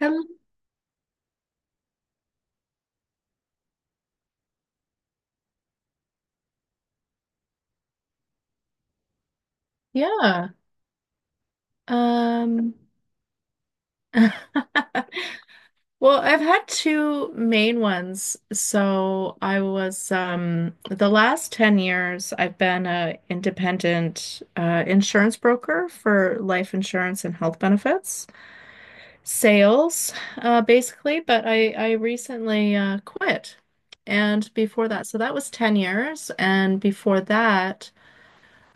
Um, yeah. Um, well, I've had two main ones. So I was the last 10 years I've been a independent insurance broker for life insurance and health benefits, sales, basically, but I recently quit. And before that, so that was 10 years, and before that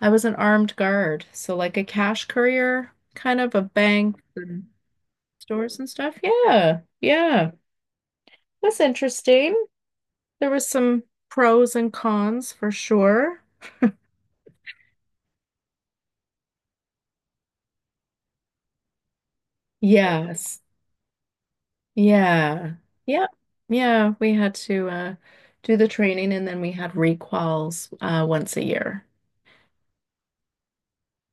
I was an armed guard, so like a cash courier, kind of a bank and stores and stuff. Yeah, yeah. That's interesting. There was some pros and cons for sure. Yes. Yeah. Yeah. Yeah. We had to do the training and then we had recalls once a year.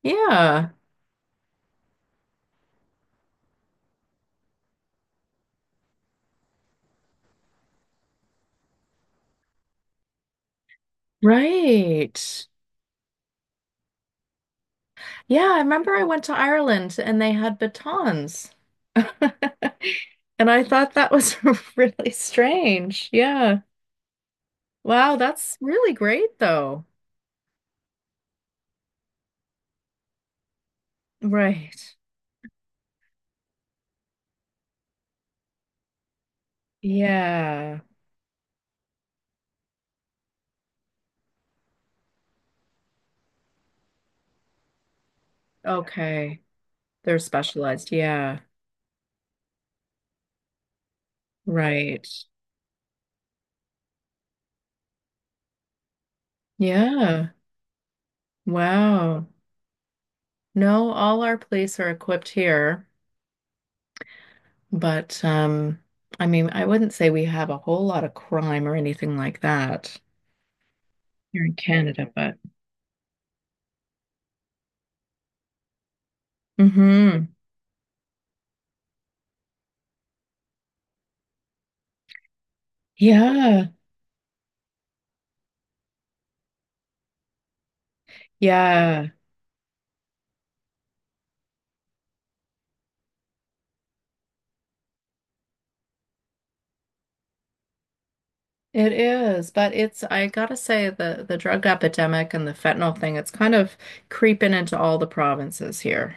Yeah. Right. Yeah, I remember I went to Ireland and they had batons. And I thought that was really strange. Yeah. Wow, that's really great though. Right. Yeah. Okay. They're specialized. Yeah. Right. Yeah. Wow. No, all our police are equipped here, but I mean, I wouldn't say we have a whole lot of crime or anything like that here in Canada, but mhm. Yeah, yeah, it is. But I gotta say, the drug epidemic and the fentanyl thing, it's kind of creeping into all the provinces here.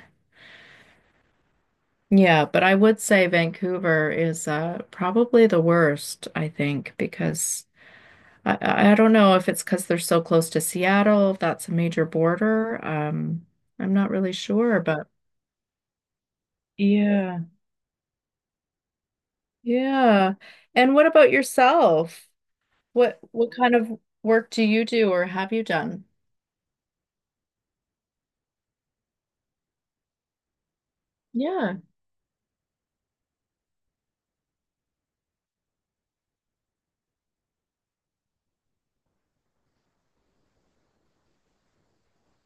Yeah, but I would say Vancouver is probably the worst, I think, because I don't know if it's because they're so close to Seattle, if that's a major border. I'm not really sure, but yeah, yeah. And what about yourself? What kind of work do you do or have you done? Yeah.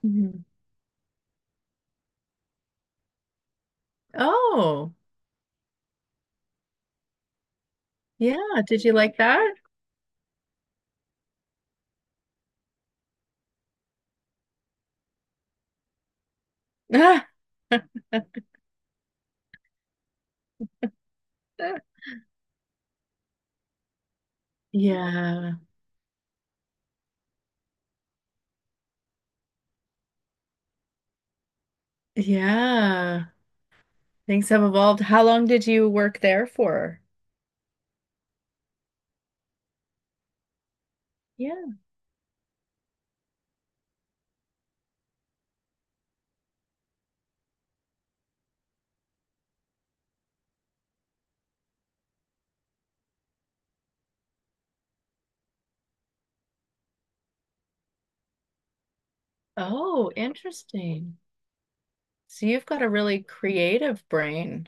Mhm. Oh, yeah. Did you like that? yeah. Yeah. Things have evolved. How long did you work there for? Yeah. Oh, interesting. So you've got a really creative brain.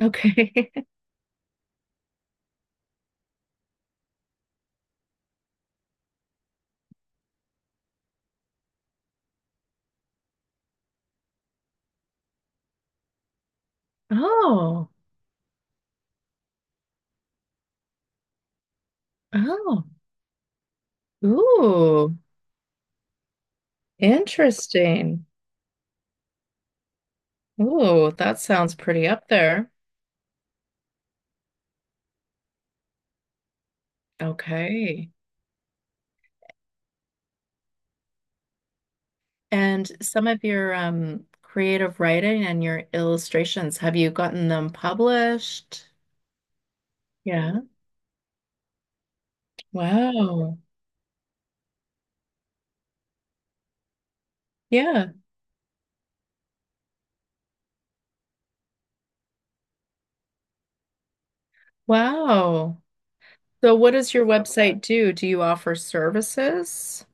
Okay. Oh, oh, ooh, interesting. Ooh, that sounds pretty up there. Okay. And some of your creative writing and your illustrations, have you gotten them published? Yeah. Wow. Yeah. Wow. So what does your website do? Do you offer services?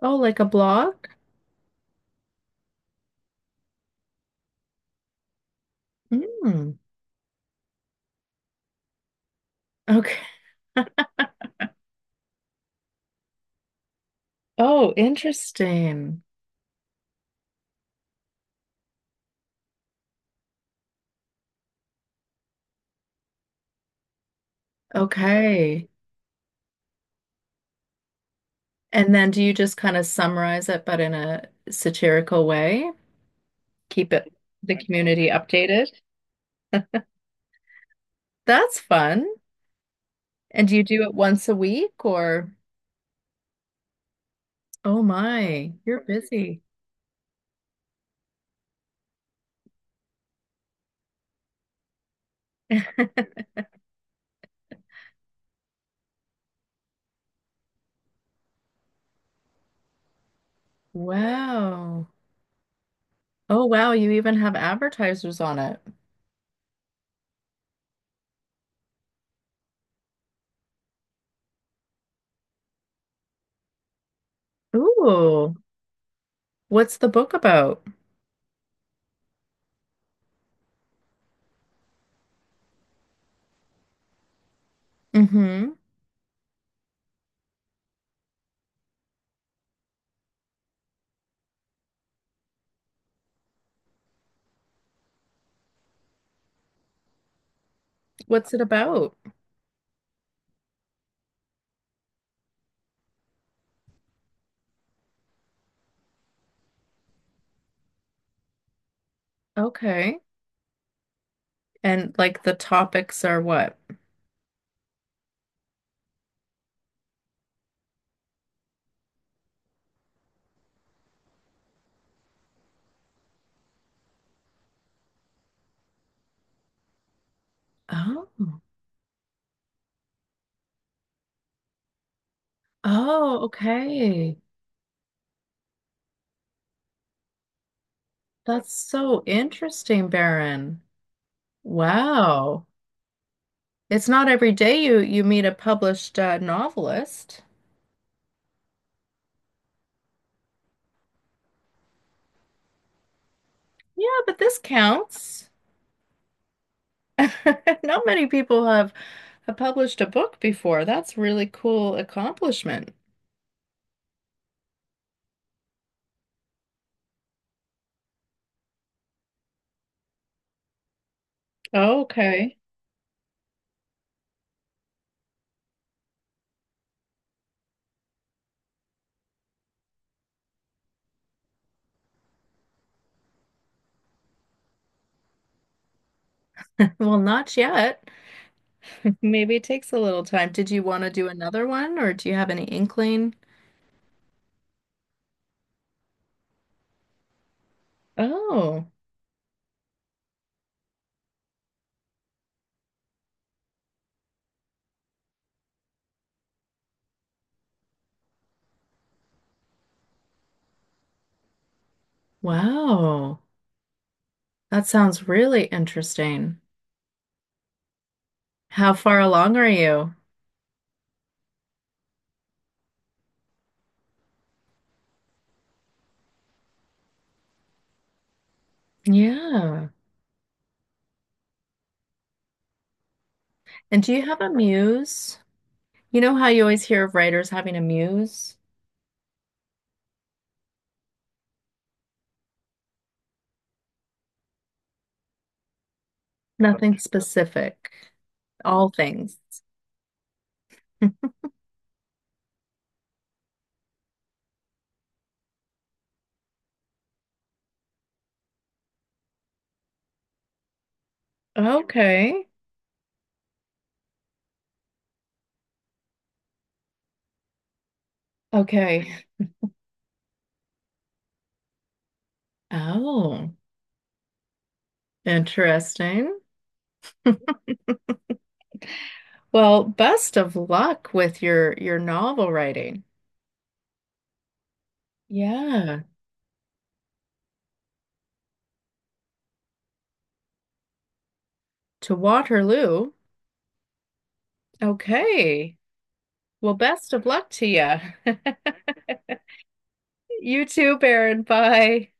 Oh, like a blog? Hmm. Okay. Oh, interesting. Okay. And then do you just kind of summarize it, but in a satirical way? Keep it the community updated? That's fun. And do you do it once a week or? Oh my, you're busy. Wow. Oh wow, you even have advertisers on it. Ooh, what's the book about? Mm-hmm. What's it about? Okay. And like the topics are what? Oh. Oh, okay. That's so interesting, Baron. Wow. It's not every day you meet a published novelist. Yeah, but this counts. Not many people have I published a book before. That's really cool accomplishment. Okay. Well, not yet. Maybe it takes a little time. Did you want to do another one or do you have any inkling? Oh, wow. That sounds really interesting. How far along are you? Yeah. And do you have a muse? You know how you always hear of writers having a muse? Nothing specific, all things. Okay. Okay. Oh, interesting. Well, best of luck with your novel writing. Yeah, to Waterloo. Okay. Well, best of luck to you. You too, Baron. Bye.